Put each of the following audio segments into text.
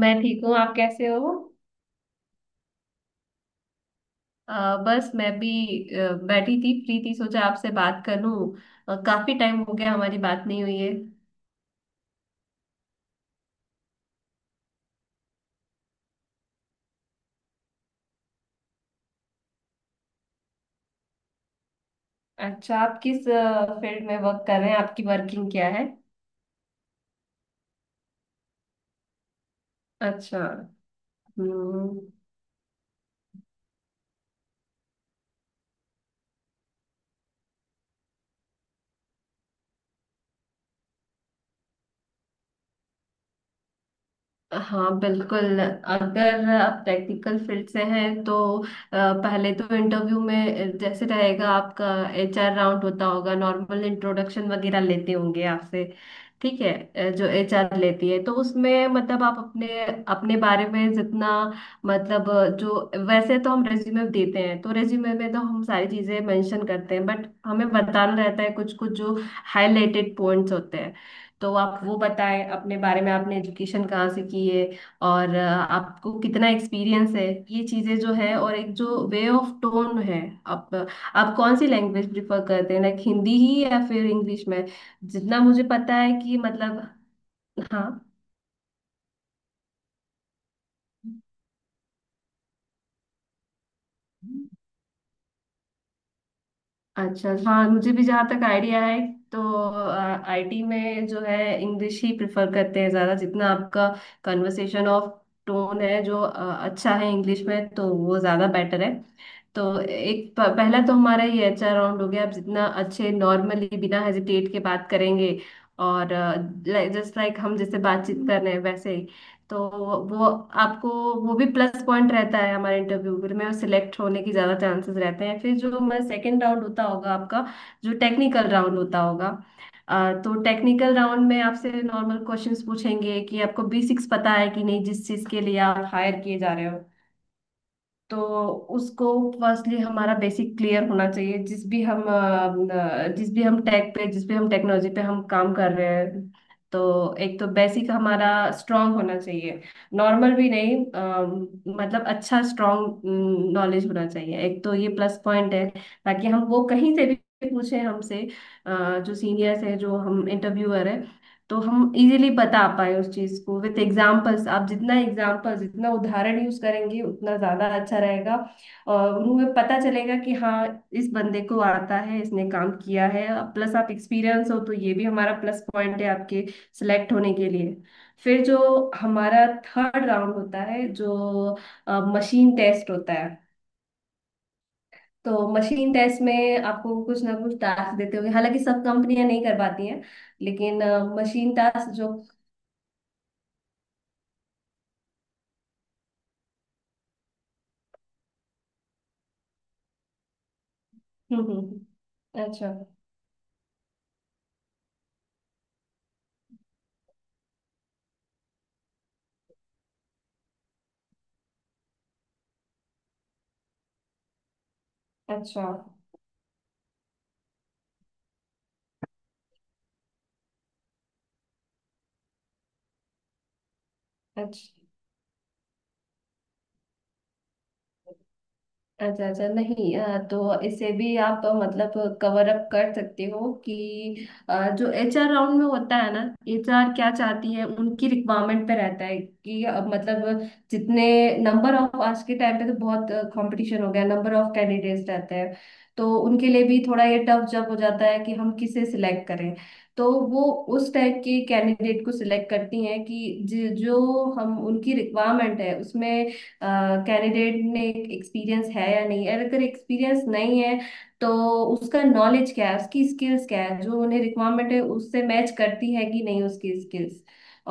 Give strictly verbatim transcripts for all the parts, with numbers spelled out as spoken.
मैं ठीक हूँ। आप कैसे हो? अ, बस मैं भी अ, बैठी थी, फ्री थी, सोचा आपसे बात कर लूँ। अ, काफी टाइम हो गया, हमारी बात नहीं हुई है। अच्छा, आप किस फील्ड में वर्क कर रहे हैं? आपकी वर्किंग क्या है? अच्छा। हम्म। हाँ, बिल्कुल। अगर आप टेक्निकल फील्ड से हैं तो अ, पहले तो इंटरव्यू में जैसे रहेगा आपका एचआर राउंड होता होगा, नॉर्मल इंट्रोडक्शन वगैरह लेते होंगे आपसे। ठीक है। अ, जो एच आर लेती है, तो उसमें मतलब आप अपने अपने बारे में जितना मतलब जो, वैसे तो हम रेज्यूमे देते हैं, तो रेज्यूमे में तो हम सारी चीजें मेंशन करते हैं, बट हमें बताना रहता है कुछ कुछ जो हाईलाइटेड पॉइंट्स होते हैं। तो आप वो बताएं अपने बारे में, आपने एजुकेशन कहाँ से की है और अ, आपको कितना एक्सपीरियंस है, ये चीजें जो है। और एक जो वे ऑफ टोन है, आप आप कौन सी लैंग्वेज प्रिफर करते हैं, लाइक हिंदी ही या फिर इंग्लिश में? जितना मुझे पता है कि मतलब। हाँ। अच्छा, हाँ, मुझे भी जहाँ तक आइडिया है, तो आई टी में जो है, इंग्लिश ही प्रेफर करते हैं ज़्यादा। जितना आपका कन्वर्सेशन ऑफ टोन है जो अ, अच्छा है इंग्लिश में, तो वो ज़्यादा बेटर है। तो एक प- पहला तो हमारा ये अच्छा राउंड हो गया। आप जितना अच्छे नॉर्मली बिना हेजिटेट के बात करेंगे और जस्ट लाइक हम जैसे बातचीत कर रहे हैं वैसे, तो वो आपको वो भी प्लस पॉइंट रहता है, हमारे इंटरव्यू में सिलेक्ट होने की ज़्यादा चांसेस रहते हैं। फिर जो हमारा सेकेंड राउंड होता होगा आपका, जो टेक्निकल राउंड होता होगा, अ, तो टेक्निकल राउंड में आपसे नॉर्मल क्वेश्चंस पूछेंगे कि आपको बेसिक्स पता है कि नहीं, जिस चीज़ के लिए आप हायर किए जा रहे हो। तो उसको फर्स्टली हमारा बेसिक क्लियर होना चाहिए, जिस भी हम अ, जिस भी हम टेक पे, जिस भी हम टेक्नोलॉजी पे हम काम कर रहे हैं। तो एक तो बेसिक हमारा स्ट्रांग होना चाहिए, नॉर्मल भी नहीं। अ, मतलब अच्छा स्ट्रांग नॉलेज होना चाहिए, एक तो ये प्लस पॉइंट है। ताकि हम वो कहीं से भी पूछे हमसे, अ, जो सीनियर्स है, जो हम इंटरव्यूअर है, तो हम इजीली बता पाए उस चीज को विथ एग्जाम्पल्स। आप जितना एग्जाम्पल्स, जितना उदाहरण यूज करेंगे, उतना ज्यादा अच्छा रहेगा। और उन्हें पता चलेगा कि हाँ, इस बंदे को आता है, इसने काम किया है। प्लस आप एक्सपीरियंस हो, तो ये भी हमारा प्लस पॉइंट है आपके सिलेक्ट होने के लिए। फिर जो हमारा थर्ड राउंड होता है, जो मशीन टेस्ट होता है, तो मशीन टेस्ट में आपको कुछ ना कुछ टास्क देते होंगे, हालांकि सब कंपनियां नहीं कर पाती हैं। लेकिन मशीन टास्क जो अच्छा। अच्छा अच्छा अच्छा अच्छा, नहीं, अ, तो इसे भी आप अ, मतलब कवर अप कर सकते हो कि अ, जो एचआर राउंड में होता है ना, एचआर क्या चाहती है, उनकी रिक्वायरमेंट पे रहता है कि अ, मतलब जितने नंबर ऑफ, आज के टाइम पे तो बहुत कंपटीशन हो गया, नंबर ऑफ कैंडिडेट्स रहते हैं, तो उनके लिए भी थोड़ा ये टफ जब हो जाता है कि हम किसे सिलेक्ट करें। तो वो उस टाइप के कैंडिडेट को सिलेक्ट करती हैं कि जि- जो हम उनकी रिक्वायरमेंट है उसमें, कैंडिडेट ने एक्सपीरियंस है या नहीं है। अगर एक्सपीरियंस नहीं है, तो उसका नॉलेज क्या है, उसकी स्किल्स क्या है, जो उन्हें रिक्वायरमेंट है उससे मैच करती है कि नहीं उसकी स्किल्स।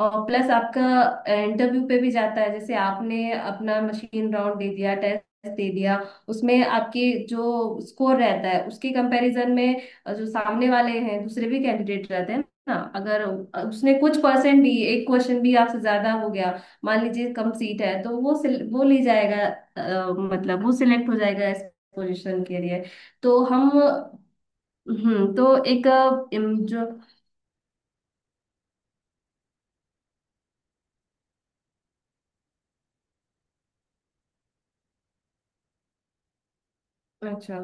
और प्लस आपका इंटरव्यू पे भी जाता है। जैसे आपने अपना मशीन राउंड दे दिया, टेस्ट दे दिया, उसमें आपके जो स्कोर रहता है, उसके कंपैरिजन में जो सामने वाले हैं दूसरे भी कैंडिडेट रहते हैं ना, अगर उसने कुछ परसेंट भी, एक क्वेश्चन भी आपसे ज्यादा हो गया, मान लीजिए कम सीट है, तो वो सिल, वो ली जाएगा, अ, मतलब वो सिलेक्ट हो जाएगा इस पोजीशन के लिए। तो हम हम्म। तो एक अ, इम- जो अच्छा।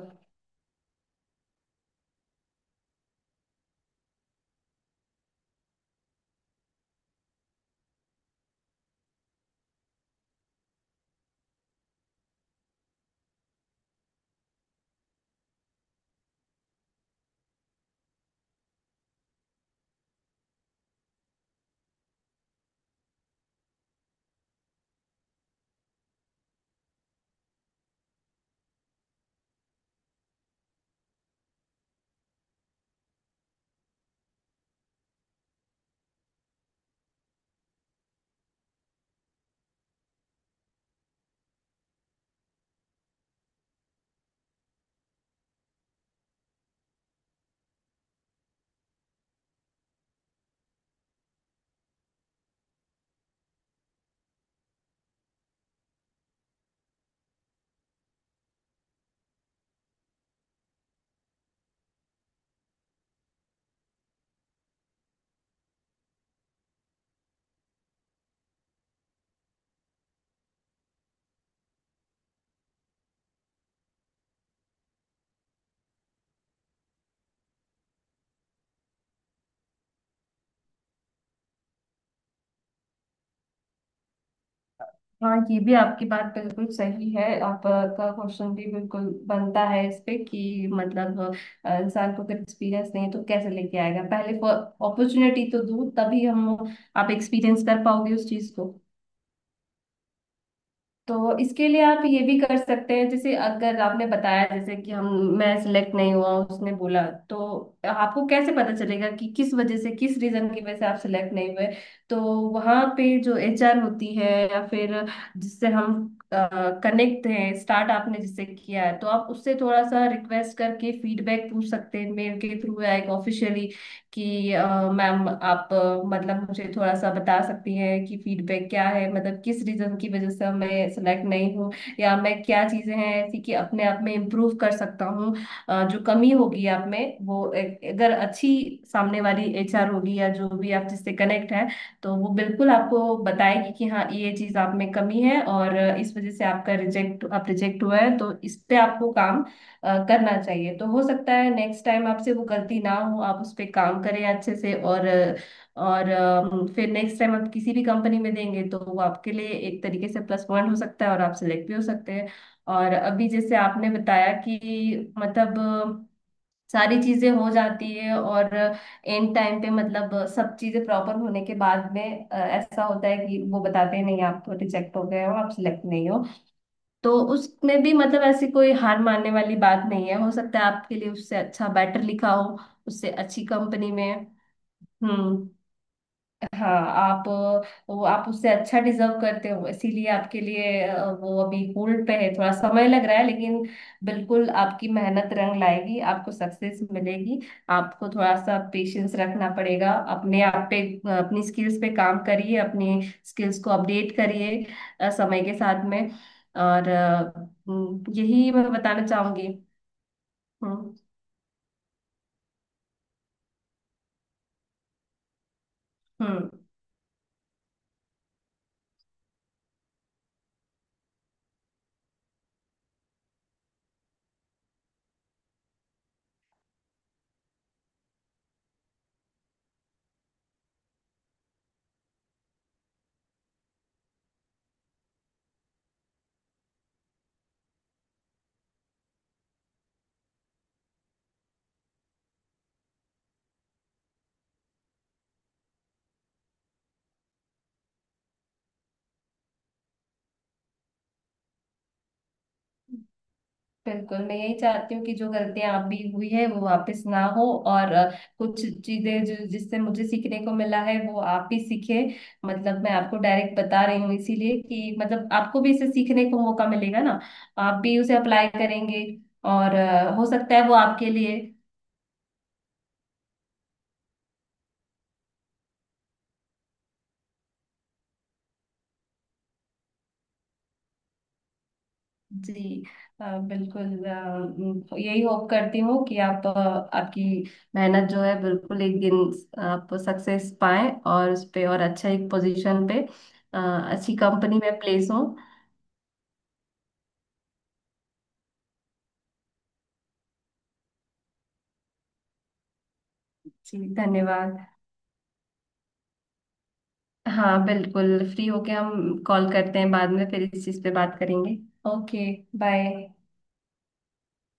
हाँ, ये भी आपकी बात बिल्कुल सही है, आपका क्वेश्चन भी बिल्कुल बनता है इस पे कि मतलब अ, इंसान को अगर एक्सपीरियंस नहीं है, तो कैसे लेके आएगा? पहले अपॉर्चुनिटी तो दूर, तभी हम आप एक्सपीरियंस कर पाओगे उस चीज को। तो इसके लिए आप ये भी कर सकते हैं, जैसे अगर आपने बताया जैसे कि हम, मैं सिलेक्ट नहीं हुआ उसने बोला, तो आपको कैसे पता चलेगा कि किस वजह से, किस रीजन की वजह से आप सिलेक्ट नहीं हुए। तो वहां पे जो एचआर होती है या फिर जिससे हम कनेक्ट हैं, स्टार्ट आपने जिससे किया है, तो आप उससे थोड़ा सा रिक्वेस्ट करके फीडबैक पूछ सकते हैं मेल के थ्रू या एक ऑफिशियली कि अ, मैम आप अ, मतलब मुझे थोड़ा सा बता सकती हैं कि फीडबैक क्या है, मतलब किस रीजन की वजह से मैं सेलेक्ट नहीं हूँ, या मैं, क्या चीजें हैं ऐसी कि अपने आप में इम्प्रूव कर सकता हूँ। अ, जो कमी होगी आप में, वो एक- अगर अच्छी सामने वाली एच आर होगी या जो भी आप जिससे कनेक्ट है, तो वो बिल्कुल आपको बताएगी कि हाँ, ये चीज आप में कमी है और इस वजह से आपका रिजेक्ट आप रिजेक्ट हुआ है। तो इस पे आपको काम अ, करना चाहिए। तो हो सकता है नेक्स्ट टाइम आपसे वो गलती ना हो, आप उस पर काम करें अच्छे से। और अ, और अम, फिर नेक्स्ट टाइम आप किसी भी कंपनी में देंगे, तो वो आपके लिए एक तरीके से प्लस पॉइंट हो सकता है और आप सिलेक्ट भी हो सकते हैं। और अभी जैसे आपने बताया कि मतलब अ, सारी चीजें हो जाती है और एंड टाइम पे मतलब अ, सब चीजें प्रॉपर होने के बाद में अ, ऐसा होता है कि वो बताते हैं नहीं, आप रिजेक्ट हो गए हो, आप सिलेक्ट नहीं हो। तो उसमें भी मतलब ऐसी कोई हार मानने वाली बात नहीं है। हो सकता है आपके लिए उससे अच्छा बेटर लिखा हो, उससे अच्छी कंपनी में। हम्म। हाँ, आप, वो आप उससे अच्छा डिजर्व करते हो, इसीलिए आपके लिए अ, वो अभी होल्ड पे है, थोड़ा समय लग रहा है, लेकिन बिल्कुल आपकी मेहनत रंग लाएगी, आपको सक्सेस मिलेगी। आपको थोड़ा सा पेशेंस रखना पड़ेगा अपने आप पे, अ, अपनी स्किल्स पे काम करिए, अपनी स्किल्स को अपडेट करिए अ, समय के साथ में। और अ, हम्म, यही मैं बताना चाहूंगी। हम्म। हम्म। बिल्कुल, मैं यही चाहती हूँ कि जो गलतियां आप भी हुई है वो वापस ना हो। और अ, कुछ चीजें जो, जिससे मुझे सीखने को मिला है, वो आप भी सीखे। मतलब मैं आपको डायरेक्ट बता रही हूँ इसीलिए कि मतलब आपको भी इसे सीखने को मौका मिलेगा ना, आप भी उसे अप्लाई करेंगे। और अ, हो सकता है वो आपके लिए। जी, अ, बिल्कुल, अ, यही होप करती हूँ कि आप, अ, आपकी मेहनत जो है बिल्कुल, एक दिन आप सक्सेस पाएं और उस पे और अच्छा एक पोजीशन पे, अ, अच्छी कंपनी में प्लेस हो। जी धन्यवाद। हाँ बिल्कुल, फ्री होके हम कॉल करते हैं, बाद में फिर इस चीज़ पे बात करेंगे। ओके। बाय।